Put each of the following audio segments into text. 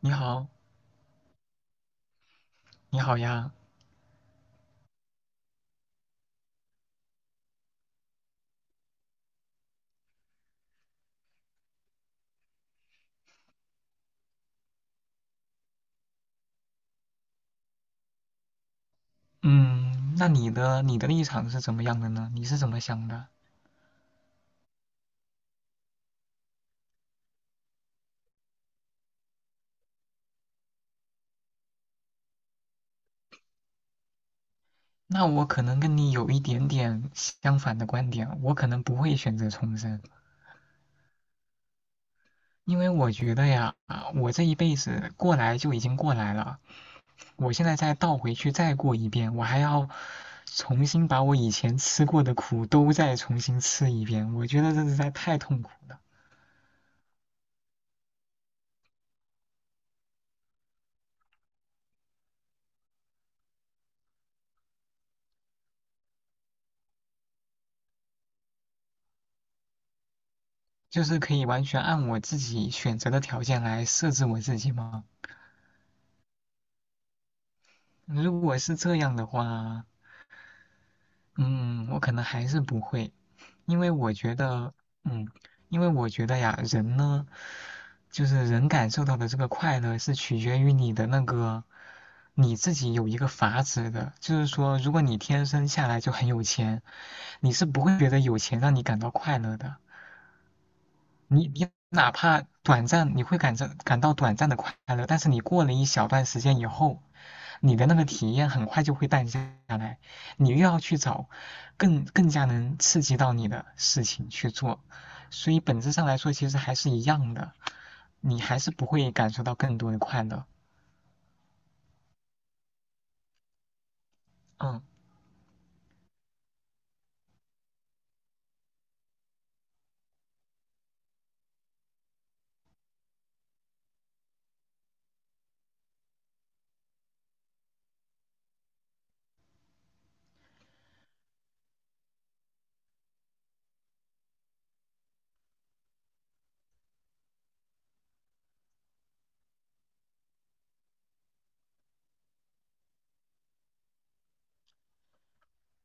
你好，你好呀。嗯，那你的立场是怎么样的呢？你是怎么想的？那我可能跟你有一点点相反的观点，我可能不会选择重生。因为我觉得呀，我这一辈子过来就已经过来了，我现在再倒回去再过一遍，我还要重新把我以前吃过的苦都再重新吃一遍，我觉得这实在太痛苦了。就是可以完全按我自己选择的条件来设置我自己吗？如果是这样的话，嗯，我可能还是不会，因为我觉得，嗯，因为我觉得呀，人呢，就是人感受到的这个快乐是取决于你的那个，你自己有一个阀值的。就是说，如果你天生下来就很有钱，你是不会觉得有钱让你感到快乐的，你哪怕短暂，你会感到短暂的快乐，但是你过了一小段时间以后，你的那个体验很快就会淡下来，你又要去找更加能刺激到你的事情去做，所以本质上来说其实还是一样的，你还是不会感受到更多的快乐。嗯，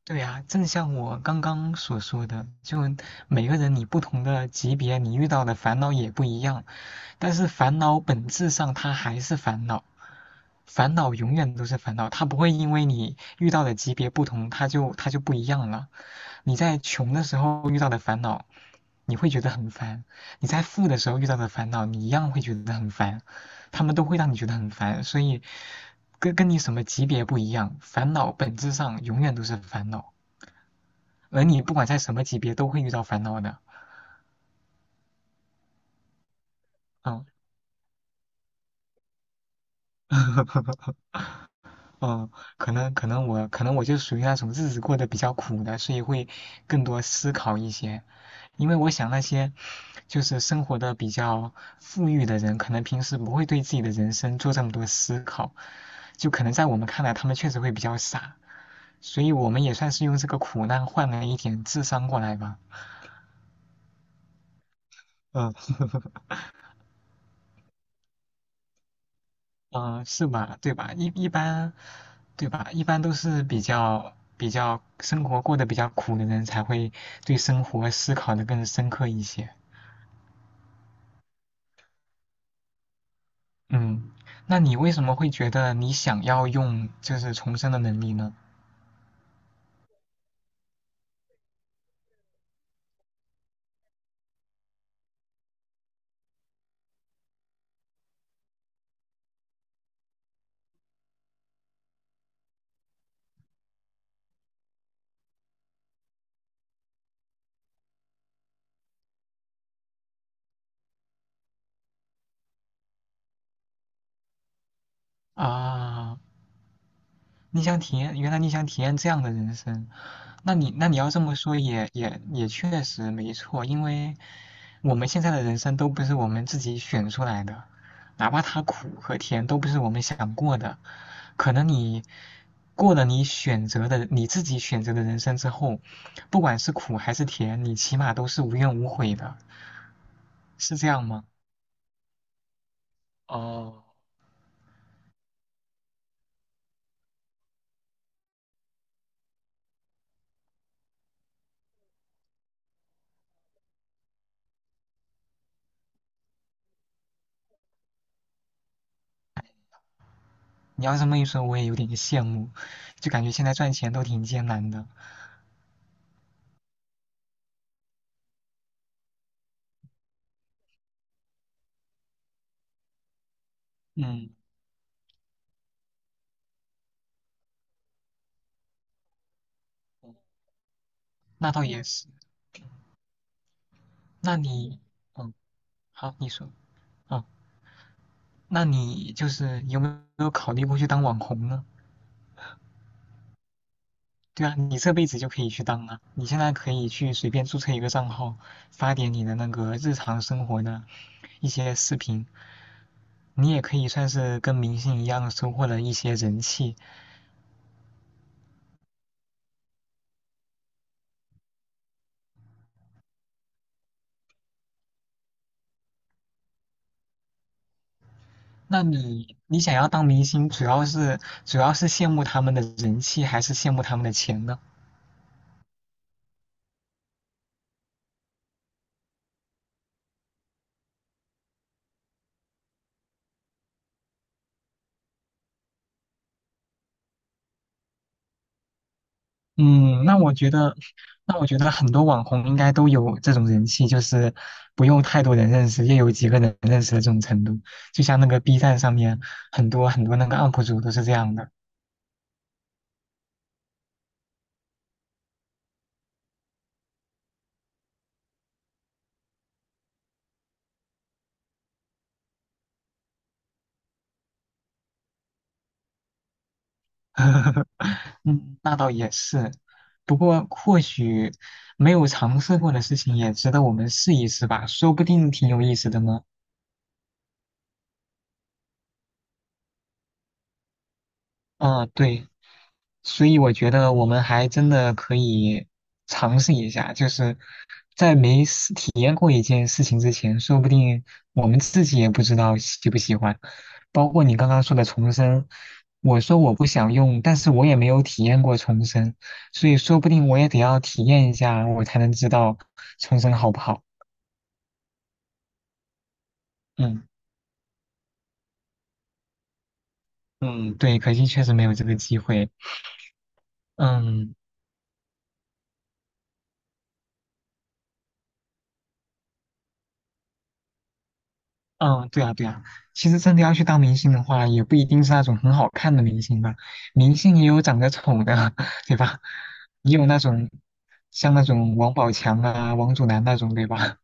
对呀，正像我刚刚所说的，就每个人你不同的级别，你遇到的烦恼也不一样，但是烦恼本质上它还是烦恼。烦恼永远都是烦恼，它不会因为你遇到的级别不同，它就不一样了。你在穷的时候遇到的烦恼，你会觉得很烦；你在富的时候遇到的烦恼，你一样会觉得很烦。他们都会让你觉得很烦，所以跟你什么级别不一样，烦恼本质上永远都是烦恼。而你不管在什么级别都会遇到烦恼的。嗯，嗯，可能我就属于那种日子过得比较苦的，所以会更多思考一些。因为我想那些就是生活的比较富裕的人，可能平时不会对自己的人生做这么多思考，就可能在我们看来，他们确实会比较傻，所以我们也算是用这个苦难换了一点智商过来吧。嗯 嗯，是吧？对吧？一般，对吧？一般都是比较生活过得比较苦的人，才会对生活思考的更深刻一些。嗯，那你为什么会觉得你想要用就是重生的能力呢？啊，你想体验，原来你想体验这样的人生。那你要这么说也确实没错，因为我们现在的人生都不是我们自己选出来的，哪怕它苦和甜都不是我们想过的，可能你过了你自己选择的人生之后，不管是苦还是甜，你起码都是无怨无悔的，是这样吗？哦，你要这么一说，我也有点羡慕，就感觉现在赚钱都挺艰难的。嗯，那倒也是。那你，嗯，好，你说，嗯，那你就是有没有考虑过去当网红呢？对啊，你这辈子就可以去当啊，你现在可以去随便注册一个账号，发点你的那个日常生活的一些视频，你也可以算是跟明星一样收获了一些人气。那你想要当明星，主要是羡慕他们的人气，还是羡慕他们的钱呢？嗯，那我觉得，那我觉得很多网红应该都有这种人气，就是不用太多人认识，也有几个人认识的这种程度。就像那个 B 站上面很多那个 UP 主都是这样的。嗯，那倒也是。不过或许没有尝试过的事情也值得我们试一试吧，说不定挺有意思的呢。啊，对，所以我觉得我们还真的可以尝试一下，就是在没试体验过一件事情之前，说不定我们自己也不知道喜不喜欢。包括你刚刚说的重生，我说我不想用，但是我也没有体验过重生，所以说不定我也得要体验一下，我才能知道重生好不好。嗯嗯，对，可惜确实没有这个机会。嗯。嗯，对啊，对啊。其实真的要去当明星的话，也不一定是那种很好看的明星吧，明星也有长得丑的，对吧？也有那种像王宝强啊、王祖蓝那种，对吧？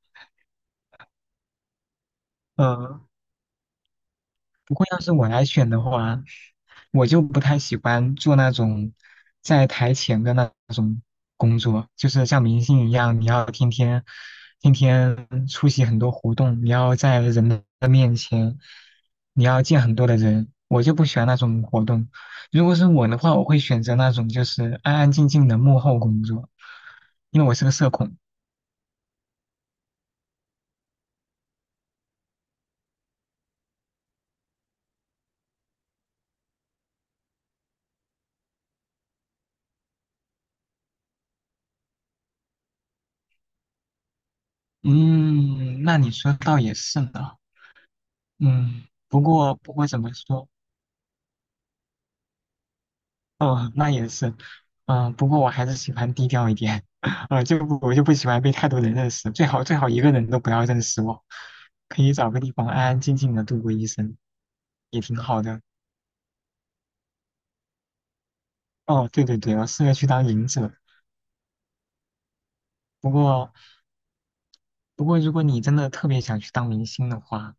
嗯，不过要是我来选的话，我就不太喜欢做那种在台前的那种工作，就是像明星一样，你要天天出席很多活动，你要在人的面前，你要见很多的人，我就不喜欢那种活动。如果是我的话，我会选择那种就是安安静静的幕后工作，因为我是个社恐。嗯，那你说倒也是呢。嗯，不过怎么说？哦，那也是。嗯，不过我还是喜欢低调一点。呃，就不我就不喜欢被太多人认识，最好一个人都不要认识我，可以找个地方安安静静的度过一生，也挺好的。哦，对对对，我适合去当隐者。不过不过如果你真的特别想去当明星的话，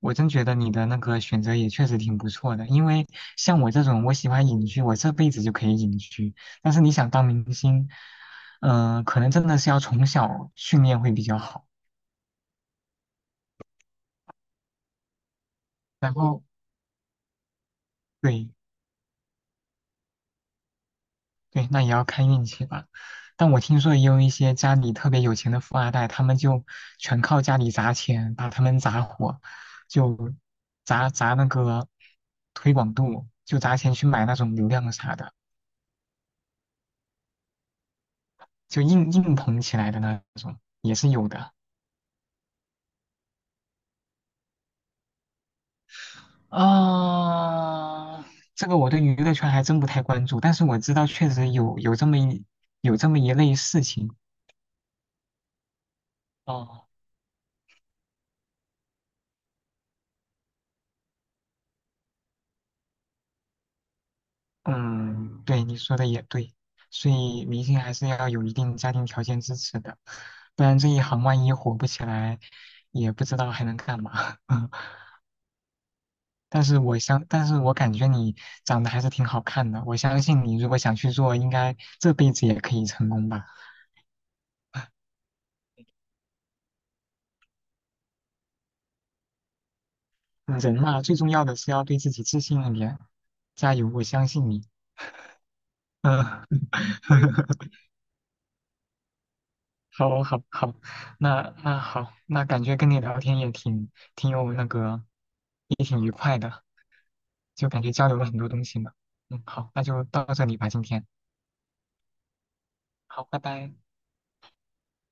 我真觉得你的那个选择也确实挺不错的，因为像我这种，我喜欢隐居，我这辈子就可以隐居。但是你想当明星，嗯、可能真的是要从小训练会比较好。然后，对对，那也要看运气吧。但我听说也有一些家里特别有钱的富二代，他们就全靠家里砸钱，把他们砸火，就砸那个推广度，就砸钱去买那种流量啥的。就硬捧起来的那种，也是有的。啊，这个我对娱乐圈还真不太关注，但是我知道确实有这么一类事情。哦，嗯，对，你说的也对，所以明星还是要有一定家庭条件支持的，不然这一行万一火不起来，也不知道还能干嘛。但是我感觉你长得还是挺好看的，我相信你如果想去做，应该这辈子也可以成功吧。嗯人嘛，最重要的是要对自己自信一点，加油，我相信你。嗯，好，好，好，那好，那感觉跟你聊天也挺有那个，也挺愉快的，就感觉交流了很多东西嘛。嗯，好，那就到这里吧，今天。好，拜拜。